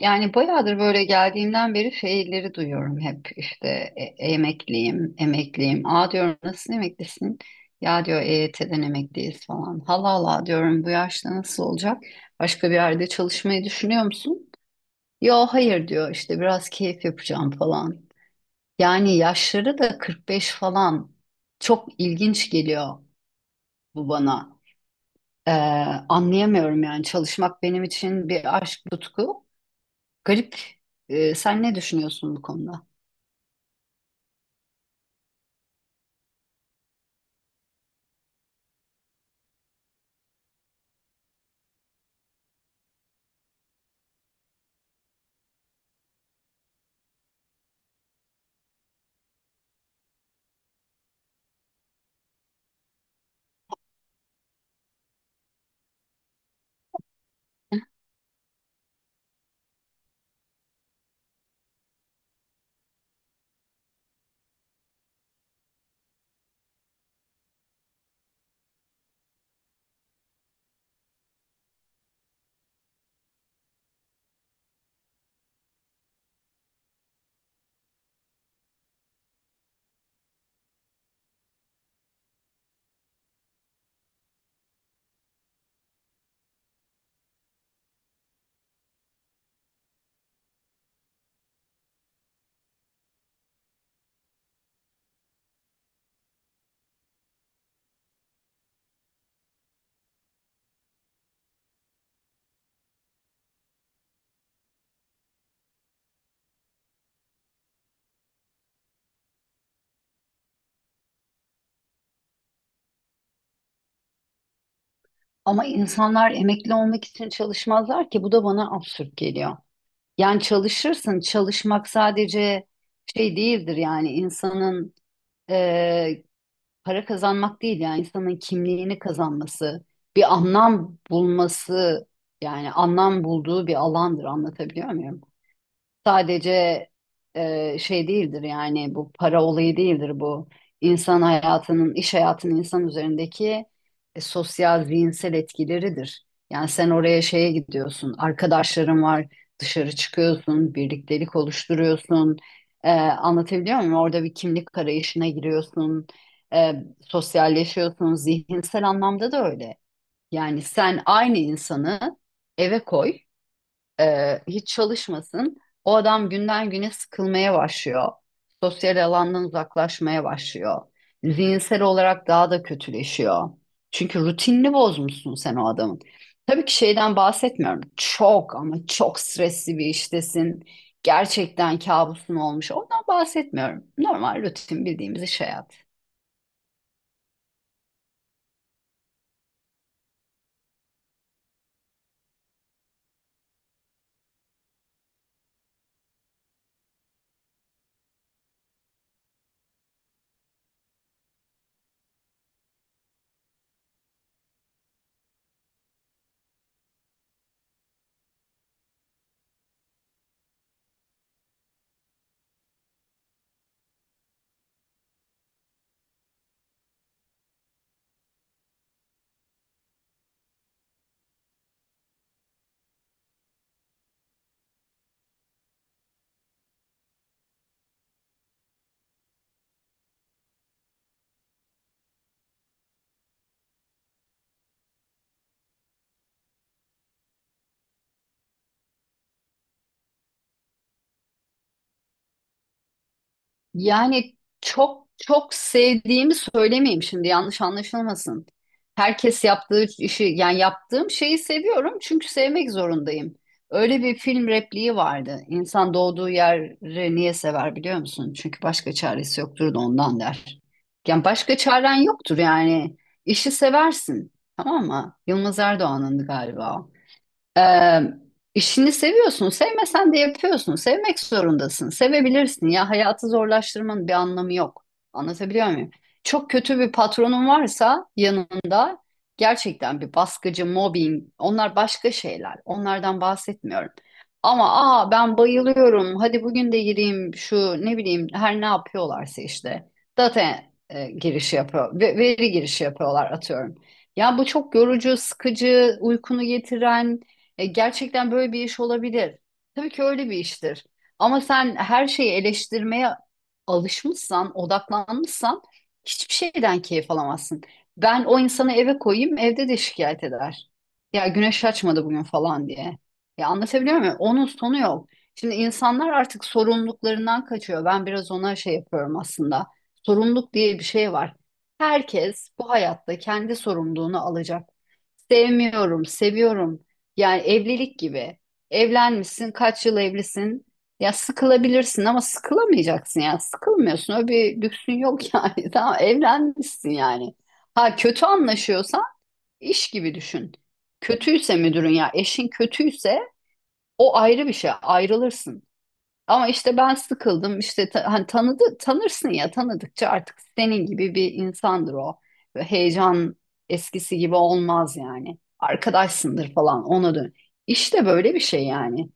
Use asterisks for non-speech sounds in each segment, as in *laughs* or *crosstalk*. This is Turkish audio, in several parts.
Yani bayağıdır böyle geldiğimden beri şeyleri duyuyorum hep işte emekliyim, emekliyim. Aa diyorum, nasıl emeklisin? Ya diyor EYT'den emekliyiz falan. Hala diyorum bu yaşta nasıl olacak? Başka bir yerde çalışmayı düşünüyor musun? Yo, hayır diyor, işte biraz keyif yapacağım falan. Yani yaşları da 45 falan, çok ilginç geliyor bu bana. Ee, Anlayamıyorum yani, çalışmak benim için bir aşk, tutku. Garip. Sen ne düşünüyorsun bu konuda? Ama insanlar emekli olmak için çalışmazlar ki, bu da bana absürt geliyor. Yani çalışırsın, çalışmak sadece şey değildir yani insanın e, para kazanmak değil, yani insanın kimliğini kazanması, bir anlam bulması, yani anlam bulduğu bir alandır, anlatabiliyor muyum? Sadece şey değildir yani, bu para olayı değildir, bu insan hayatının, iş hayatının insan üzerindeki sosyal, zihinsel etkileridir. Yani sen oraya şeye gidiyorsun, arkadaşların var, dışarı çıkıyorsun, birliktelik oluşturuyorsun. E, anlatabiliyor muyum? Orada bir kimlik arayışına giriyorsun, e, sosyalleşiyorsun, zihinsel anlamda da öyle. Yani sen aynı insanı eve koy, hiç çalışmasın. O adam günden güne sıkılmaya başlıyor. Sosyal alandan uzaklaşmaya başlıyor. Zihinsel olarak daha da kötüleşiyor. Çünkü rutinini bozmuşsun sen o adamın. Tabii ki şeyden bahsetmiyorum, çok ama çok stresli bir iştesin. Gerçekten kabusun olmuş. Ondan bahsetmiyorum. Normal rutin bildiğimiz iş hayatı. Yani çok çok sevdiğimi söylemeyeyim şimdi, yanlış anlaşılmasın. Herkes yaptığı işi, yani yaptığım şeyi seviyorum çünkü sevmek zorundayım. Öyle bir film repliği vardı. İnsan doğduğu yeri niye sever biliyor musun? Çünkü başka çaresi yoktur da ondan, der. Yani başka çaren yoktur yani. İşi seversin. Tamam mı? Yılmaz Erdoğan'ındı galiba. Ee, işini seviyorsun, sevmesen de yapıyorsun. Sevmek zorundasın, sevebilirsin. Ya, hayatı zorlaştırmanın bir anlamı yok. Anlatabiliyor muyum? Çok kötü bir patronun varsa yanında, gerçekten bir baskıcı, mobbing, onlar başka şeyler. Onlardan bahsetmiyorum. Ama aa, ben bayılıyorum, hadi bugün de gireyim şu, ne bileyim, her ne yapıyorlarsa işte. Data girişi yapıyor. Veri girişi yapıyorlar, atıyorum. Ya bu çok yorucu, sıkıcı, uykunu getiren, gerçekten böyle bir iş olabilir. Tabii ki öyle bir iştir. Ama sen her şeyi eleştirmeye alışmışsan, odaklanmışsan, hiçbir şeyden keyif alamazsın. Ben o insanı eve koyayım, evde de şikayet eder. Ya, güneş açmadı bugün falan diye. Ya, anlatabiliyor muyum? Onun sonu yok. Şimdi insanlar artık sorumluluklarından kaçıyor. Ben biraz ona şey yapıyorum aslında. Sorumluluk diye bir şey var. Herkes bu hayatta kendi sorumluluğunu alacak. Sevmiyorum, seviyorum. Yani evlilik gibi. Evlenmişsin, kaç yıl evlisin? Ya sıkılabilirsin ama sıkılamayacaksın ya. Sıkılmıyorsun. Öyle bir lüksün yok yani. *laughs* Tamam, evlenmişsin yani. Ha, kötü anlaşıyorsa iş gibi düşün. Kötüyse müdürün, ya eşin kötüyse, o ayrı bir şey, ayrılırsın. Ama işte ben sıkıldım işte, hani tanıdı, tanırsın ya, tanıdıkça artık senin gibi bir insandır o. Ve heyecan eskisi gibi olmaz yani. Arkadaşsındır falan, ona dön. İşte böyle bir şey yani.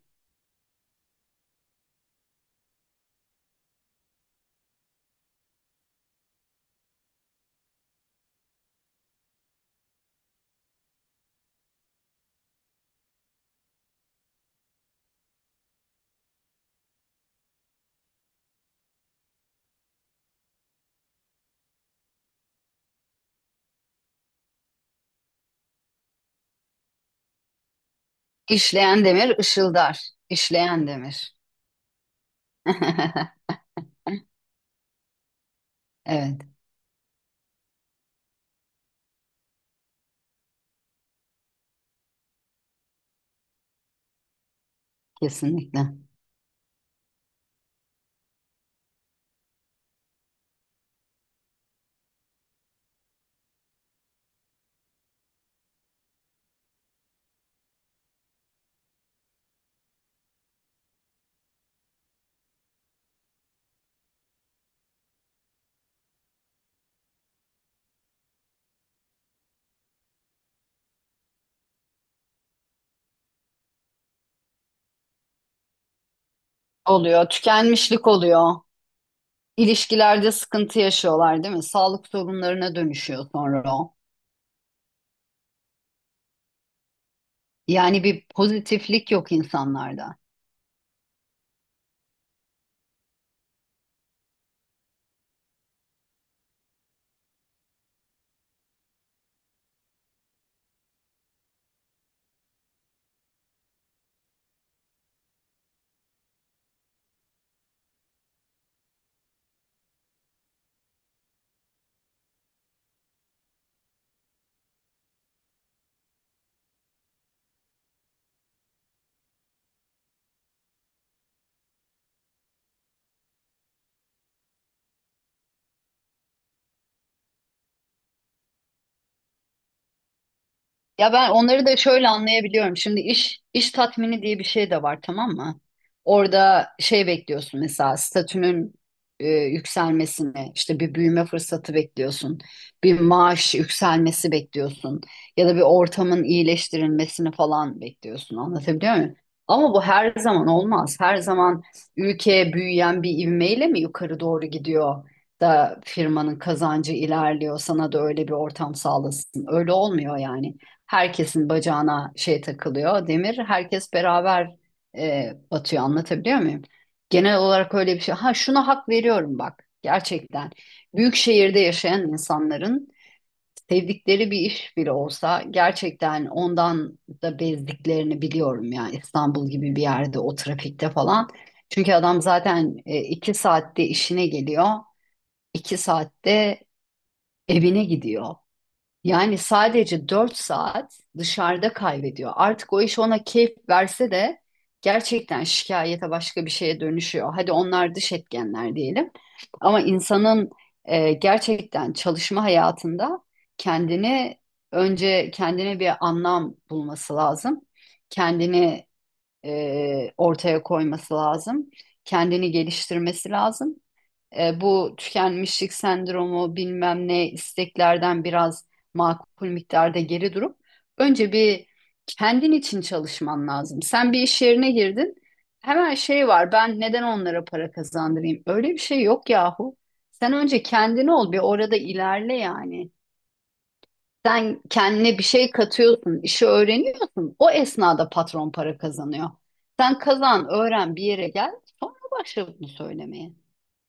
İşleyen demir ışıldar. İşleyen demir. *laughs* Evet, kesinlikle. Oluyor, tükenmişlik oluyor. İlişkilerde sıkıntı yaşıyorlar değil mi? Sağlık sorunlarına dönüşüyor sonra o. Yani bir pozitiflik yok insanlarda. Ya ben onları da şöyle anlayabiliyorum. Şimdi iş, iş tatmini diye bir şey de var, tamam mı? Orada şey bekliyorsun mesela, statünün yükselmesini, işte bir büyüme fırsatı bekliyorsun, bir maaş yükselmesi bekliyorsun, ya da bir ortamın iyileştirilmesini falan bekliyorsun. Anlatabiliyor muyum? Ama bu her zaman olmaz. Her zaman ülke büyüyen bir ivmeyle mi yukarı doğru gidiyor da firmanın kazancı ilerliyor, sana da öyle bir ortam sağlasın. Öyle olmuyor yani. Herkesin bacağına şey takılıyor, demir. Herkes beraber batıyor. Anlatabiliyor muyum? Genel olarak öyle bir şey. Ha, şuna hak veriyorum bak, gerçekten. Büyük şehirde yaşayan insanların sevdikleri bir iş bile olsa gerçekten ondan da bezdiklerini biliyorum, ya İstanbul gibi bir yerde o trafikte falan. Çünkü adam zaten iki saatte işine geliyor, iki saatte evine gidiyor. Yani sadece 4 saat dışarıda kaybediyor. Artık o iş ona keyif verse de gerçekten şikayete, başka bir şeye dönüşüyor. Hadi onlar dış etkenler diyelim. Ama insanın gerçekten çalışma hayatında kendini, önce kendine bir anlam bulması lazım. Kendini ortaya koyması lazım. Kendini geliştirmesi lazım. Bu tükenmişlik sendromu, bilmem ne isteklerden biraz makul miktarda geri durup önce bir kendin için çalışman lazım. Sen bir iş yerine girdin. Hemen şey var: ben neden onlara para kazandırayım? Öyle bir şey yok yahu. Sen önce kendin ol, bir orada ilerle yani. Sen kendine bir şey katıyorsun, işi öğreniyorsun. O esnada patron para kazanıyor. Sen kazan, öğren, bir yere gel, sonra başla bunu söylemeye.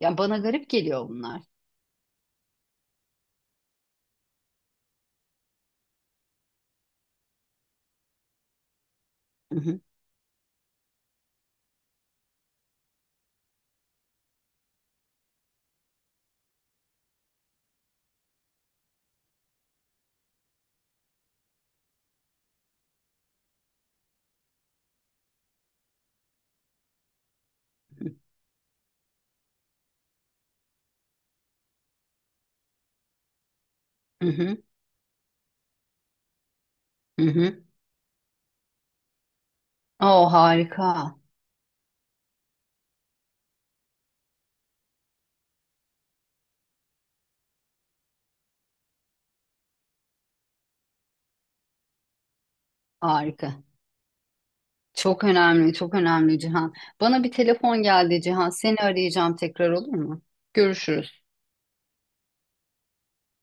Yani bana garip geliyor bunlar. Hı hı, hı hı, hı hı. Oo, harika, harika. Çok önemli, çok önemli Cihan. Bana bir telefon geldi Cihan. Seni arayacağım tekrar, olur mu? Görüşürüz.